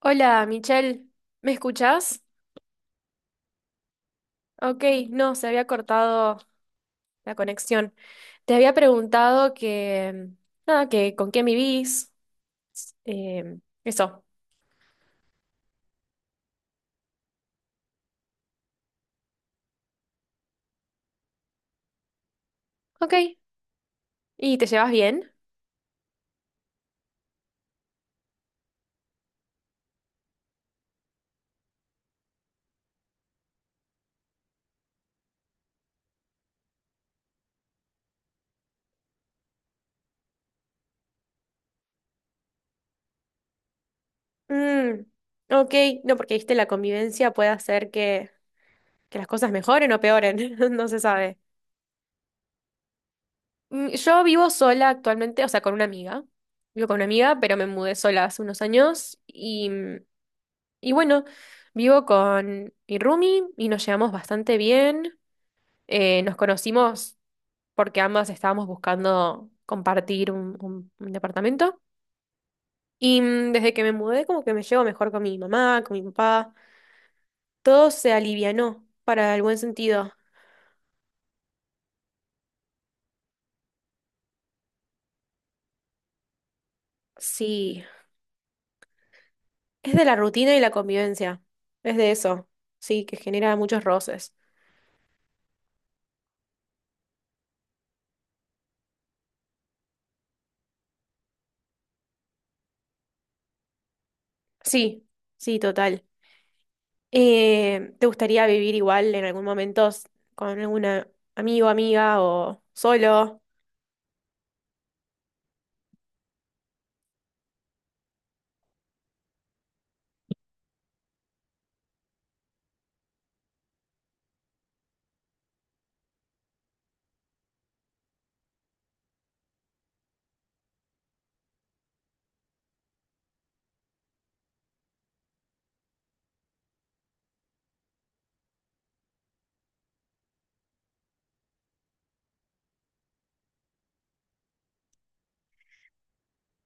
Hola, Michelle, ¿me escuchás? Ok, no, se había cortado la conexión. Te había preguntado que, nada, que con quién vivís, eso. Ok, ¿y te llevas bien? Mm, ok, no, porque viste, la convivencia puede hacer que las cosas mejoren o peoren, no se sabe. Mm, yo vivo sola actualmente, o sea, con una amiga. Vivo con una amiga, pero me mudé sola hace unos años y y bueno, vivo con mi roomie y nos llevamos bastante bien. Nos conocimos porque ambas estábamos buscando compartir un departamento. Y desde que me mudé, como que me llevo mejor con mi mamá, con mi papá. Todo se alivianó para el buen sentido. Sí, es de la rutina y la convivencia. Es de eso. Sí, que genera muchos roces. Sí, sí, total. ¿Te gustaría vivir igual en algún momento con algún amigo, amiga o solo?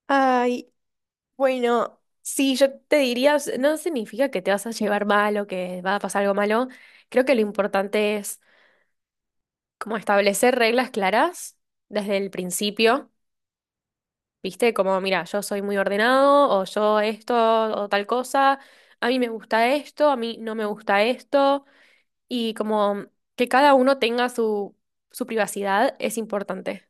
Ay, bueno, sí, yo te diría, no significa que te vas a llevar mal o que va a pasar algo malo. Creo que lo importante es como establecer reglas claras desde el principio, ¿viste? Como, mira, yo soy muy ordenado o yo esto o tal cosa, a mí me gusta esto, a mí no me gusta esto. Y como que cada uno tenga su, su privacidad es importante.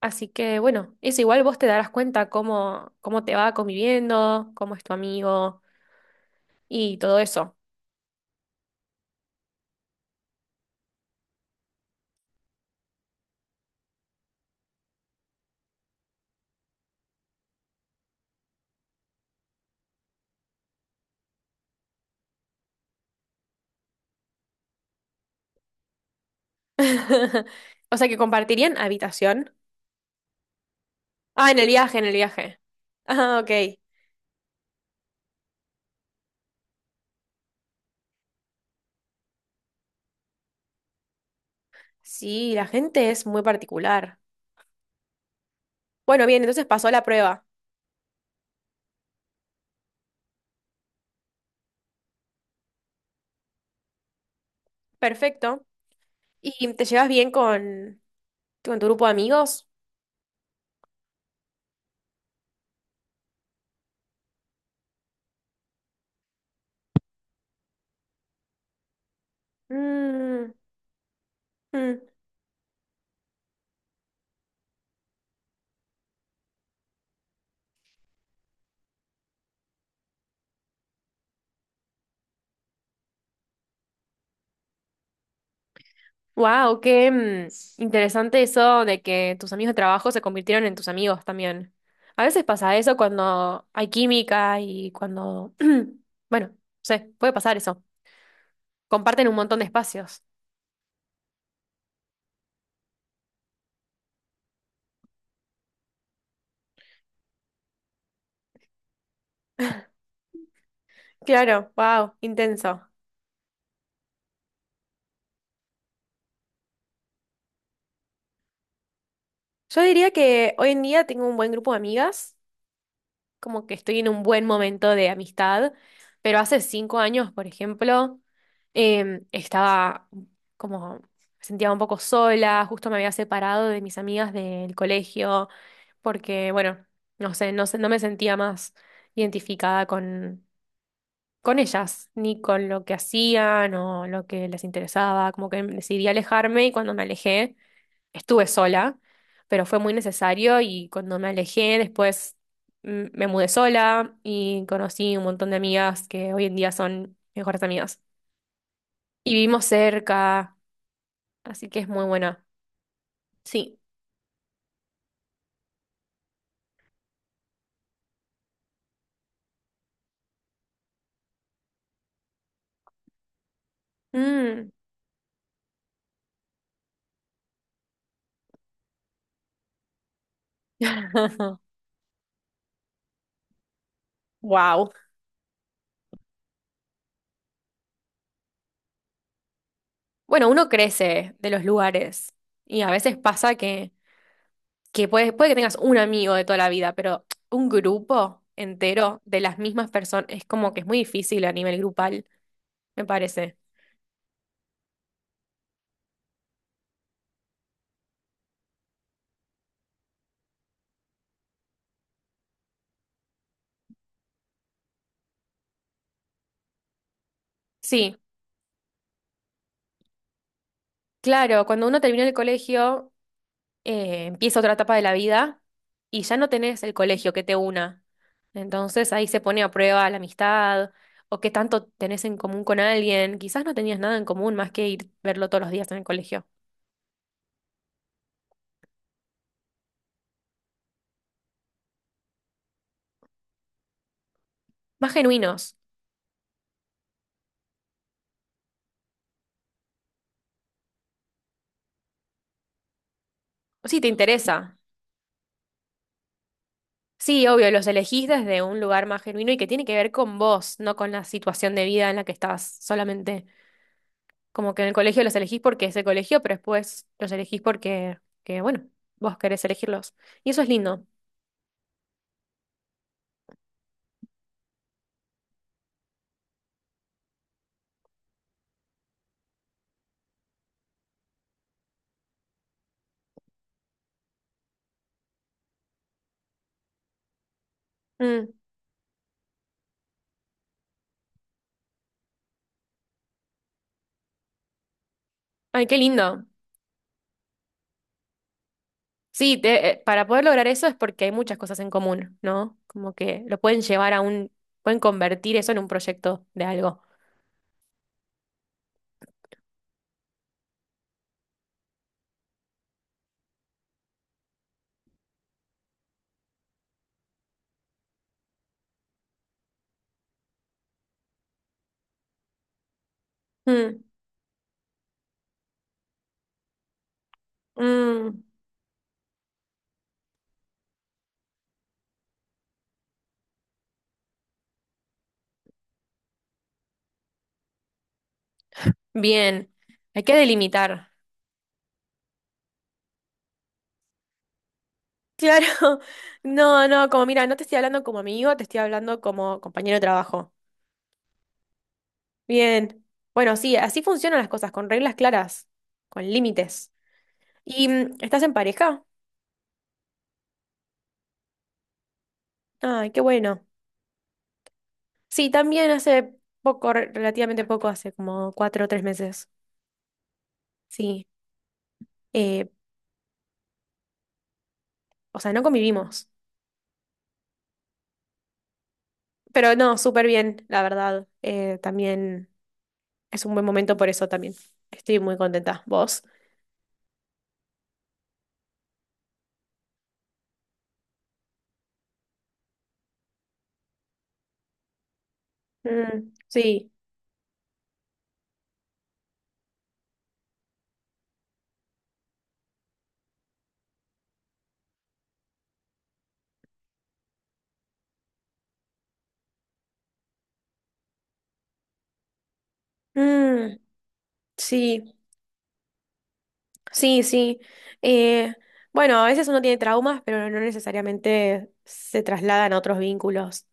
Así que bueno, eso igual vos te darás cuenta cómo, cómo te va conviviendo, cómo es tu amigo y todo eso. O sea que compartirían habitación. Ah, en el viaje, en el viaje. Ah, ok. Sí, la gente es muy particular. Bueno, bien, entonces pasó la prueba. Perfecto. ¿Y te llevas bien con tu grupo de amigos? Mm, mm. Wow, qué interesante eso de que tus amigos de trabajo se convirtieron en tus amigos también. A veces pasa eso cuando hay química y cuando, bueno, sé, puede pasar eso. Comparten un montón de espacios. Claro, wow, intenso. Yo diría que hoy en día tengo un buen grupo de amigas. Como que estoy en un buen momento de amistad, pero hace 5 años, por ejemplo, estaba como, me sentía un poco sola, justo me había separado de mis amigas del colegio, porque, bueno, no me sentía más identificada con ellas, ni con lo que hacían o lo que les interesaba, como que decidí alejarme y cuando me alejé estuve sola, pero fue muy necesario y cuando me alejé después me mudé sola y conocí un montón de amigas que hoy en día son mejores amigas. Y vivimos cerca, así que es muy buena. Sí. Mm. Wow. Bueno, uno crece de los lugares y a veces pasa que puede que tengas un amigo de toda la vida, pero un grupo entero de las mismas personas es como que es muy difícil a nivel grupal, me parece. Sí. Claro, cuando uno termina el colegio, empieza otra etapa de la vida y ya no tenés el colegio que te una. Entonces ahí se pone a prueba la amistad o qué tanto tenés en común con alguien. Quizás no tenías nada en común más que ir verlo todos los días en el colegio. Más genuinos. Sí, te interesa. Sí, obvio, los elegís desde un lugar más genuino y que tiene que ver con vos, no con la situación de vida en la que estás solamente. Como que en el colegio los elegís porque es el colegio, pero después los elegís porque, que, bueno, vos querés elegirlos. Y eso es lindo. Mm. Ay, qué lindo. Sí, para poder lograr eso es porque hay muchas cosas en común, ¿no? Como que lo pueden llevar a un, pueden convertir eso en un proyecto de algo. Mm, mm, bien, hay que delimitar. Claro, no, no, como mira, no te estoy hablando como amigo, te estoy hablando como compañero de trabajo. Bien. Bueno, sí, así funcionan las cosas, con reglas claras, con límites. ¿Y estás en pareja? Ay, qué bueno. Sí, también hace poco, relativamente poco, hace como 4 o 3 meses. Sí. Eh, o sea, no convivimos. Pero no, súper bien, la verdad. También es un buen momento por eso también. Estoy muy contenta. ¿Vos? Mm, sí. Mm, sí. Sí, sí. Eh, bueno, a veces uno tiene traumas, pero no necesariamente se trasladan a otros vínculos.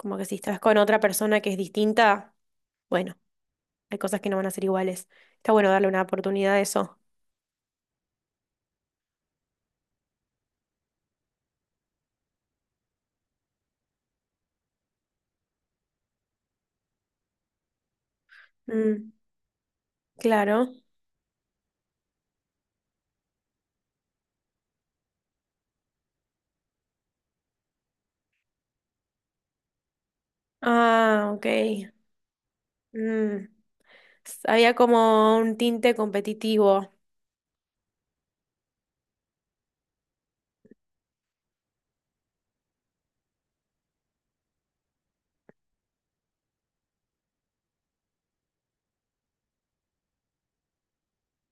Como que si estás con otra persona que es distinta, bueno, hay cosas que no van a ser iguales. Está bueno darle una oportunidad a eso. Mm, claro. Ah, ok. Mm, había como un tinte competitivo.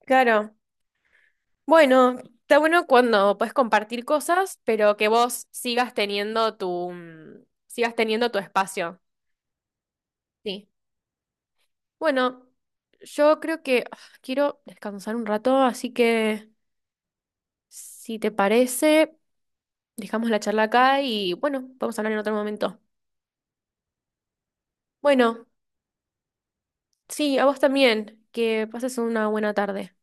Claro. Bueno, está bueno cuando puedes compartir cosas, pero que vos sigas teniendo tu, sigas teniendo tu espacio. Sí. Bueno, yo creo que ah, quiero descansar un rato, así que si te parece, dejamos la charla acá y bueno, vamos a hablar en otro momento. Bueno, sí, a vos también, que pases una buena tarde.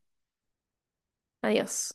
Adiós.